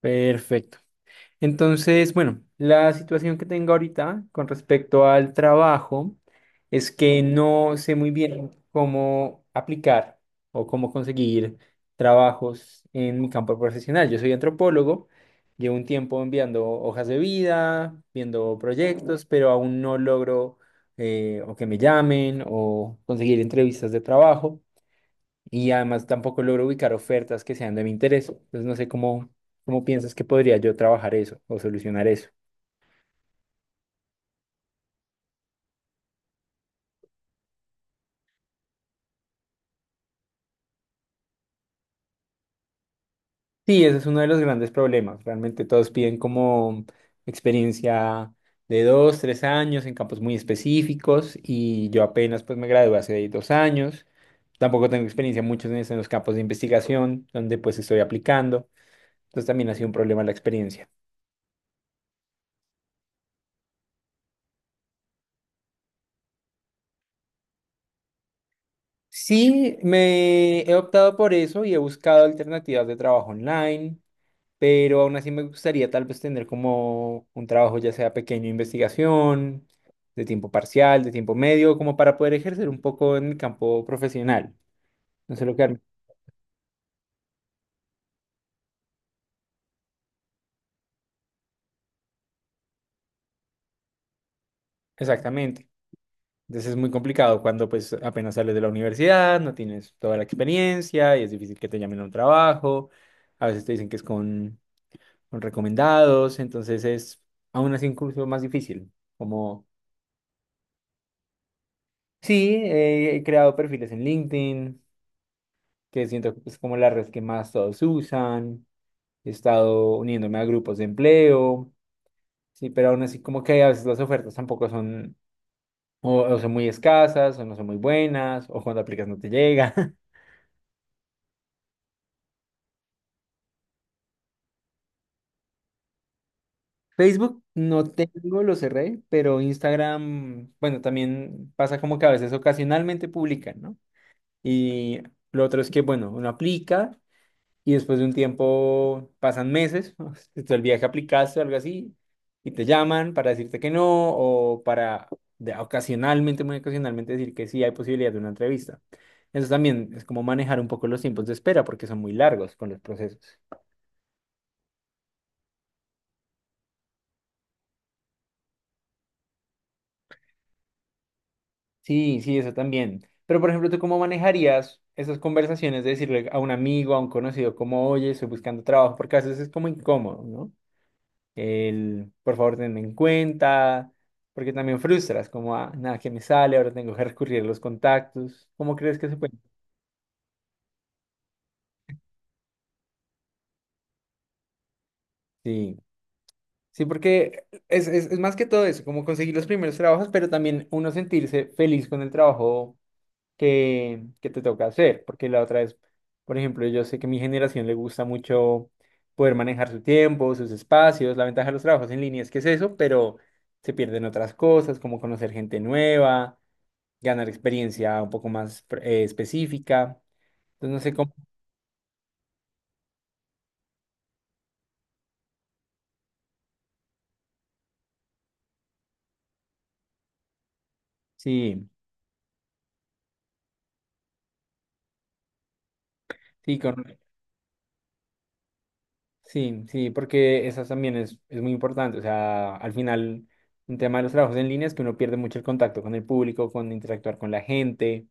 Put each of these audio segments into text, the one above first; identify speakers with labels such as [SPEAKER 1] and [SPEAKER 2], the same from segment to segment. [SPEAKER 1] Perfecto. Entonces, bueno, la situación que tengo ahorita con respecto al trabajo es que no sé muy bien cómo aplicar o cómo conseguir trabajos en mi campo profesional. Yo soy antropólogo, llevo un tiempo enviando hojas de vida, viendo proyectos, pero aún no logro o que me llamen o conseguir entrevistas de trabajo, y además tampoco logro ubicar ofertas que sean de mi interés. Entonces no sé cómo piensas que podría yo trabajar eso o solucionar eso. Sí, ese es uno de los grandes problemas. Realmente todos piden como experiencia de dos, tres años en campos muy específicos, y yo apenas pues me gradué hace dos años. Tampoco tengo experiencia muchos en los campos de investigación donde pues estoy aplicando. Entonces también ha sido un problema la experiencia. Sí, me he optado por eso y he buscado alternativas de trabajo online, pero aún así me gustaría tal vez tener como un trabajo, ya sea pequeño, de investigación, de tiempo parcial, de tiempo medio, como para poder ejercer un poco en el campo profesional. No sé lo que... Exactamente. Entonces es muy complicado cuando pues apenas sales de la universidad, no tienes toda la experiencia y es difícil que te llamen a un trabajo. A veces te dicen que es con recomendados, entonces es aún así incluso más difícil. Como, sí, he creado perfiles en LinkedIn, que siento que es como la red que más todos usan. He estado uniéndome a grupos de empleo, sí, pero aún así como que a veces las ofertas tampoco son o son muy escasas, o no son muy buenas, o cuando aplicas no te llega. Facebook no tengo, lo cerré, pero Instagram, bueno, también pasa como que a veces ocasionalmente publican, ¿no? Y lo otro es que, bueno, uno aplica, y después de un tiempo pasan meses, se el viaje aplicaste o algo así, y te llaman para decirte que no, o para ocasionalmente, muy ocasionalmente, decir que sí hay posibilidad de una entrevista. Eso también es como manejar un poco los tiempos de espera, porque son muy largos con los procesos. Sí, sí, eso también. Pero, por ejemplo, ¿tú cómo manejarías esas conversaciones de decirle a un amigo, a un conocido, como, oye, estoy buscando trabajo? Porque a veces es como incómodo, ¿no? El por favor tenme en cuenta, porque también frustras, como ah, nada que me sale, ahora tengo que recurrir a los contactos. ¿Cómo crees que se puede? Sí, sí, porque es más que todo eso, como conseguir los primeros trabajos, pero también uno sentirse feliz con el trabajo que te toca hacer, porque la otra es, por ejemplo, yo sé que a mi generación le gusta mucho poder manejar su tiempo, sus espacios. La ventaja de los trabajos en línea es que es eso, pero se pierden otras cosas, como conocer gente nueva, ganar experiencia un poco más específica. Entonces, no sé cómo. Sí, sí, sí, sí, porque eso también es muy importante. O sea, al final, un tema de los trabajos en línea es que uno pierde mucho el contacto con el público, con interactuar con la gente,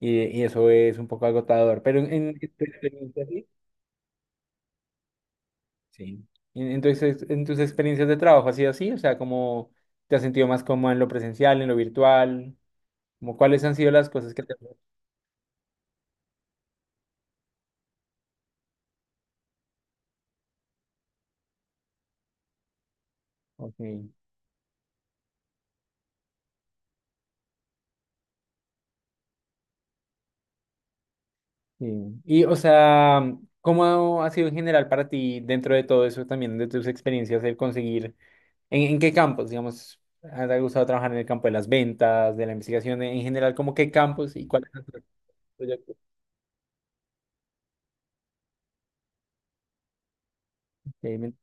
[SPEAKER 1] y eso es un poco agotador. Pero en tu experiencia, sí. Sí. En, en tu ex- en tus experiencias de trabajo ha sido así, o sea, ¿cómo te has sentido más cómodo, en lo presencial, en lo virtual? Como cuáles han sido las cosas que te... Ok. Sí. Y, o sea, ¿cómo ha sido en general para ti dentro de todo eso también, de tus experiencias, el conseguir, en qué campos, digamos, te ha gustado trabajar? ¿En el campo de las ventas, de la investigación, en general, como qué campos y cuáles son tus proyectos? Ok.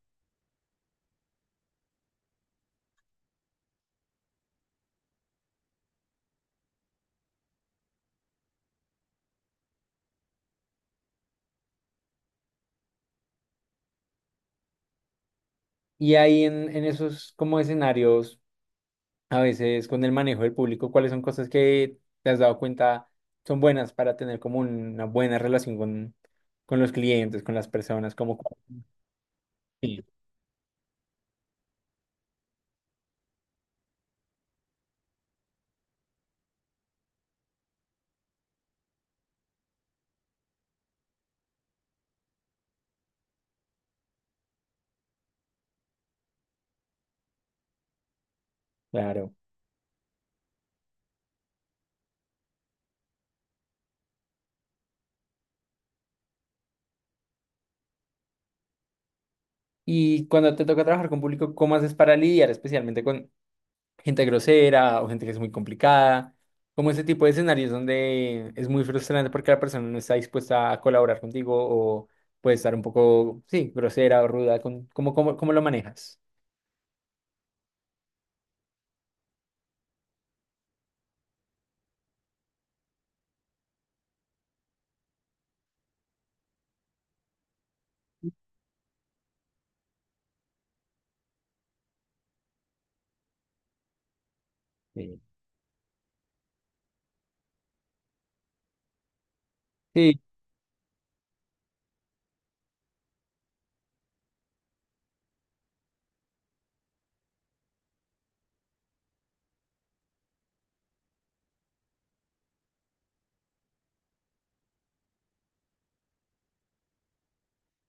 [SPEAKER 1] Y ahí en esos como escenarios, a veces con el manejo del público, ¿cuáles son cosas que te has dado cuenta son buenas para tener como una buena relación con los clientes, con las personas, como... Sí, claro. Y cuando te toca trabajar con público, ¿cómo haces para lidiar especialmente con gente grosera o gente que es muy complicada? Como ese tipo de escenarios donde es muy frustrante porque la persona no está dispuesta a colaborar contigo, o puede estar un poco, sí, grosera o ruda. Con, ¿cómo lo manejas? Sí. Sí,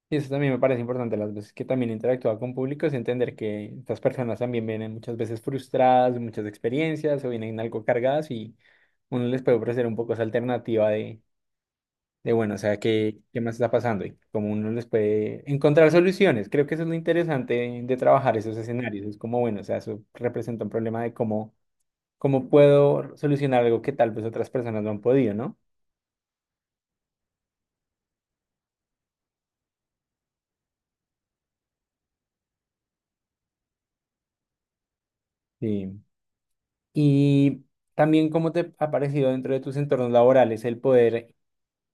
[SPEAKER 1] y eso también me parece importante. Las veces que también he interactuado con público es entender que estas personas también vienen muchas veces frustradas, muchas experiencias, o vienen algo cargadas, y uno les puede ofrecer un poco esa alternativa de bueno, o sea, ¿qué más está pasando? Y cómo uno les puede encontrar soluciones. Creo que eso es lo interesante de trabajar esos escenarios. Es como, bueno, o sea, eso representa un problema de cómo, cómo puedo solucionar algo que tal vez otras personas no han podido, ¿no? Sí. Y también cómo te ha parecido dentro de tus entornos laborales el poder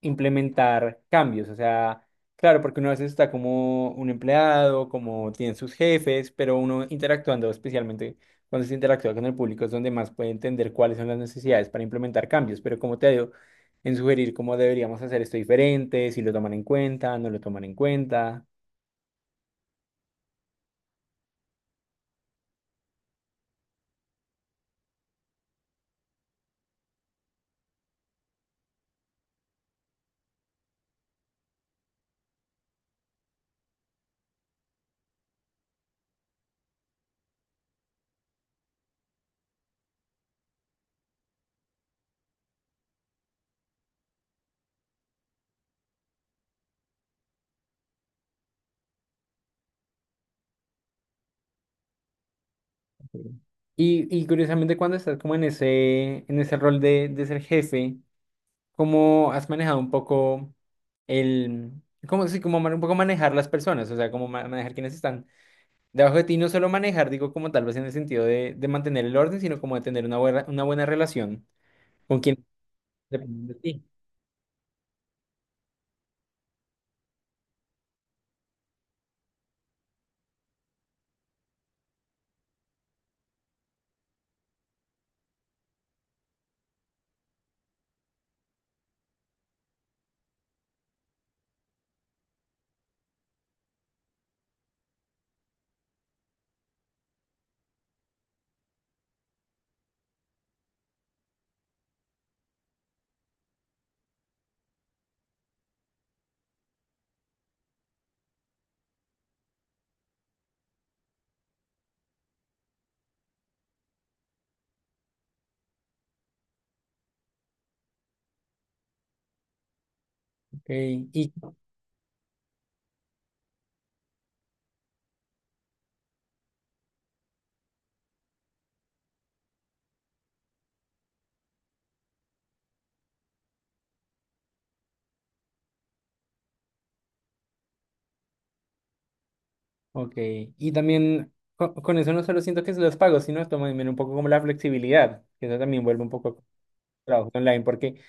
[SPEAKER 1] implementar cambios. O sea, claro, porque uno a veces está como un empleado, como tienen sus jefes, pero uno interactuando, especialmente cuando se interactúa con el público, es donde más puede entender cuáles son las necesidades para implementar cambios. Pero como te digo, en sugerir cómo deberíamos hacer esto diferente, si lo toman en cuenta, no lo toman en cuenta. Sí. Y curiosamente cuando estás como en ese rol de ser jefe, ¿cómo has manejado un poco el, cómo, sí, un poco manejar las personas? O sea, ¿cómo manejar quienes están debajo de ti? No solo manejar, digo, como tal vez en el sentido de mantener el orden, sino como de tener una buena relación con quien depende de ti. Ok, y, ok, y también con, eso no solo siento que se los pago, sino también un poco como la flexibilidad, que eso también vuelve un poco a trabajo online, porque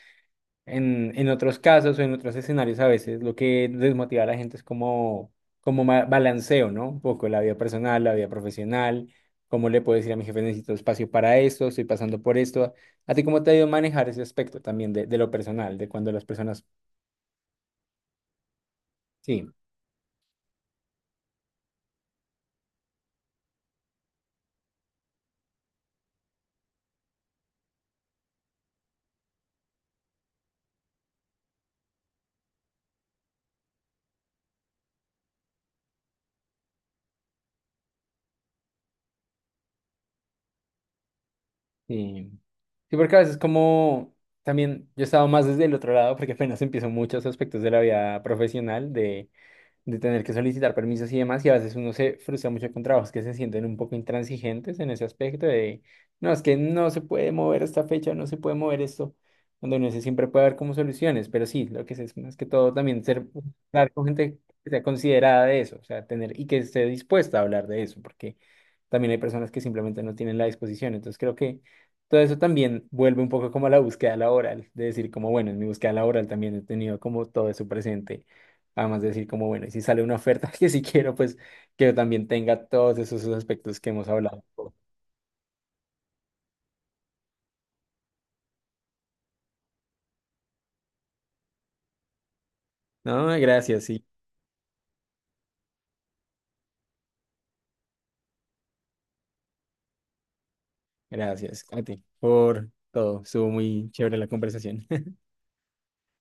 [SPEAKER 1] en otros casos o en otros escenarios a veces lo que desmotiva a la gente es como, balanceo, ¿no? Un poco la vida personal, la vida profesional, cómo le puedo decir a mi jefe necesito espacio para esto, estoy pasando por esto. ¿A ti cómo te ha ido a manejar ese aspecto también de lo personal, de cuando las personas... Sí, sí. Sí, porque a veces como también yo he estado más desde el otro lado, porque apenas empiezo muchos aspectos de la vida profesional, de tener que solicitar permisos y demás, y a veces uno se frustra mucho con trabajos que se sienten un poco intransigentes en ese aspecto de, no, es que no se puede mover esta fecha, no se puede mover esto, cuando no se siempre puede haber como soluciones. Pero sí, lo que sé es más que todo también ser, hablar con gente que sea considerada de eso, o sea, tener y que esté dispuesta a hablar de eso, porque también hay personas que simplemente no tienen la disposición. Entonces creo que todo eso también vuelve un poco como a la búsqueda laboral, de decir como, bueno, en mi búsqueda laboral también he tenido como todo eso presente. Además de decir como, bueno, y si sale una oferta que sí quiero, pues que también tenga todos esos aspectos que hemos hablado. No, gracias, sí, gracias a ti por todo. Estuvo muy chévere la conversación.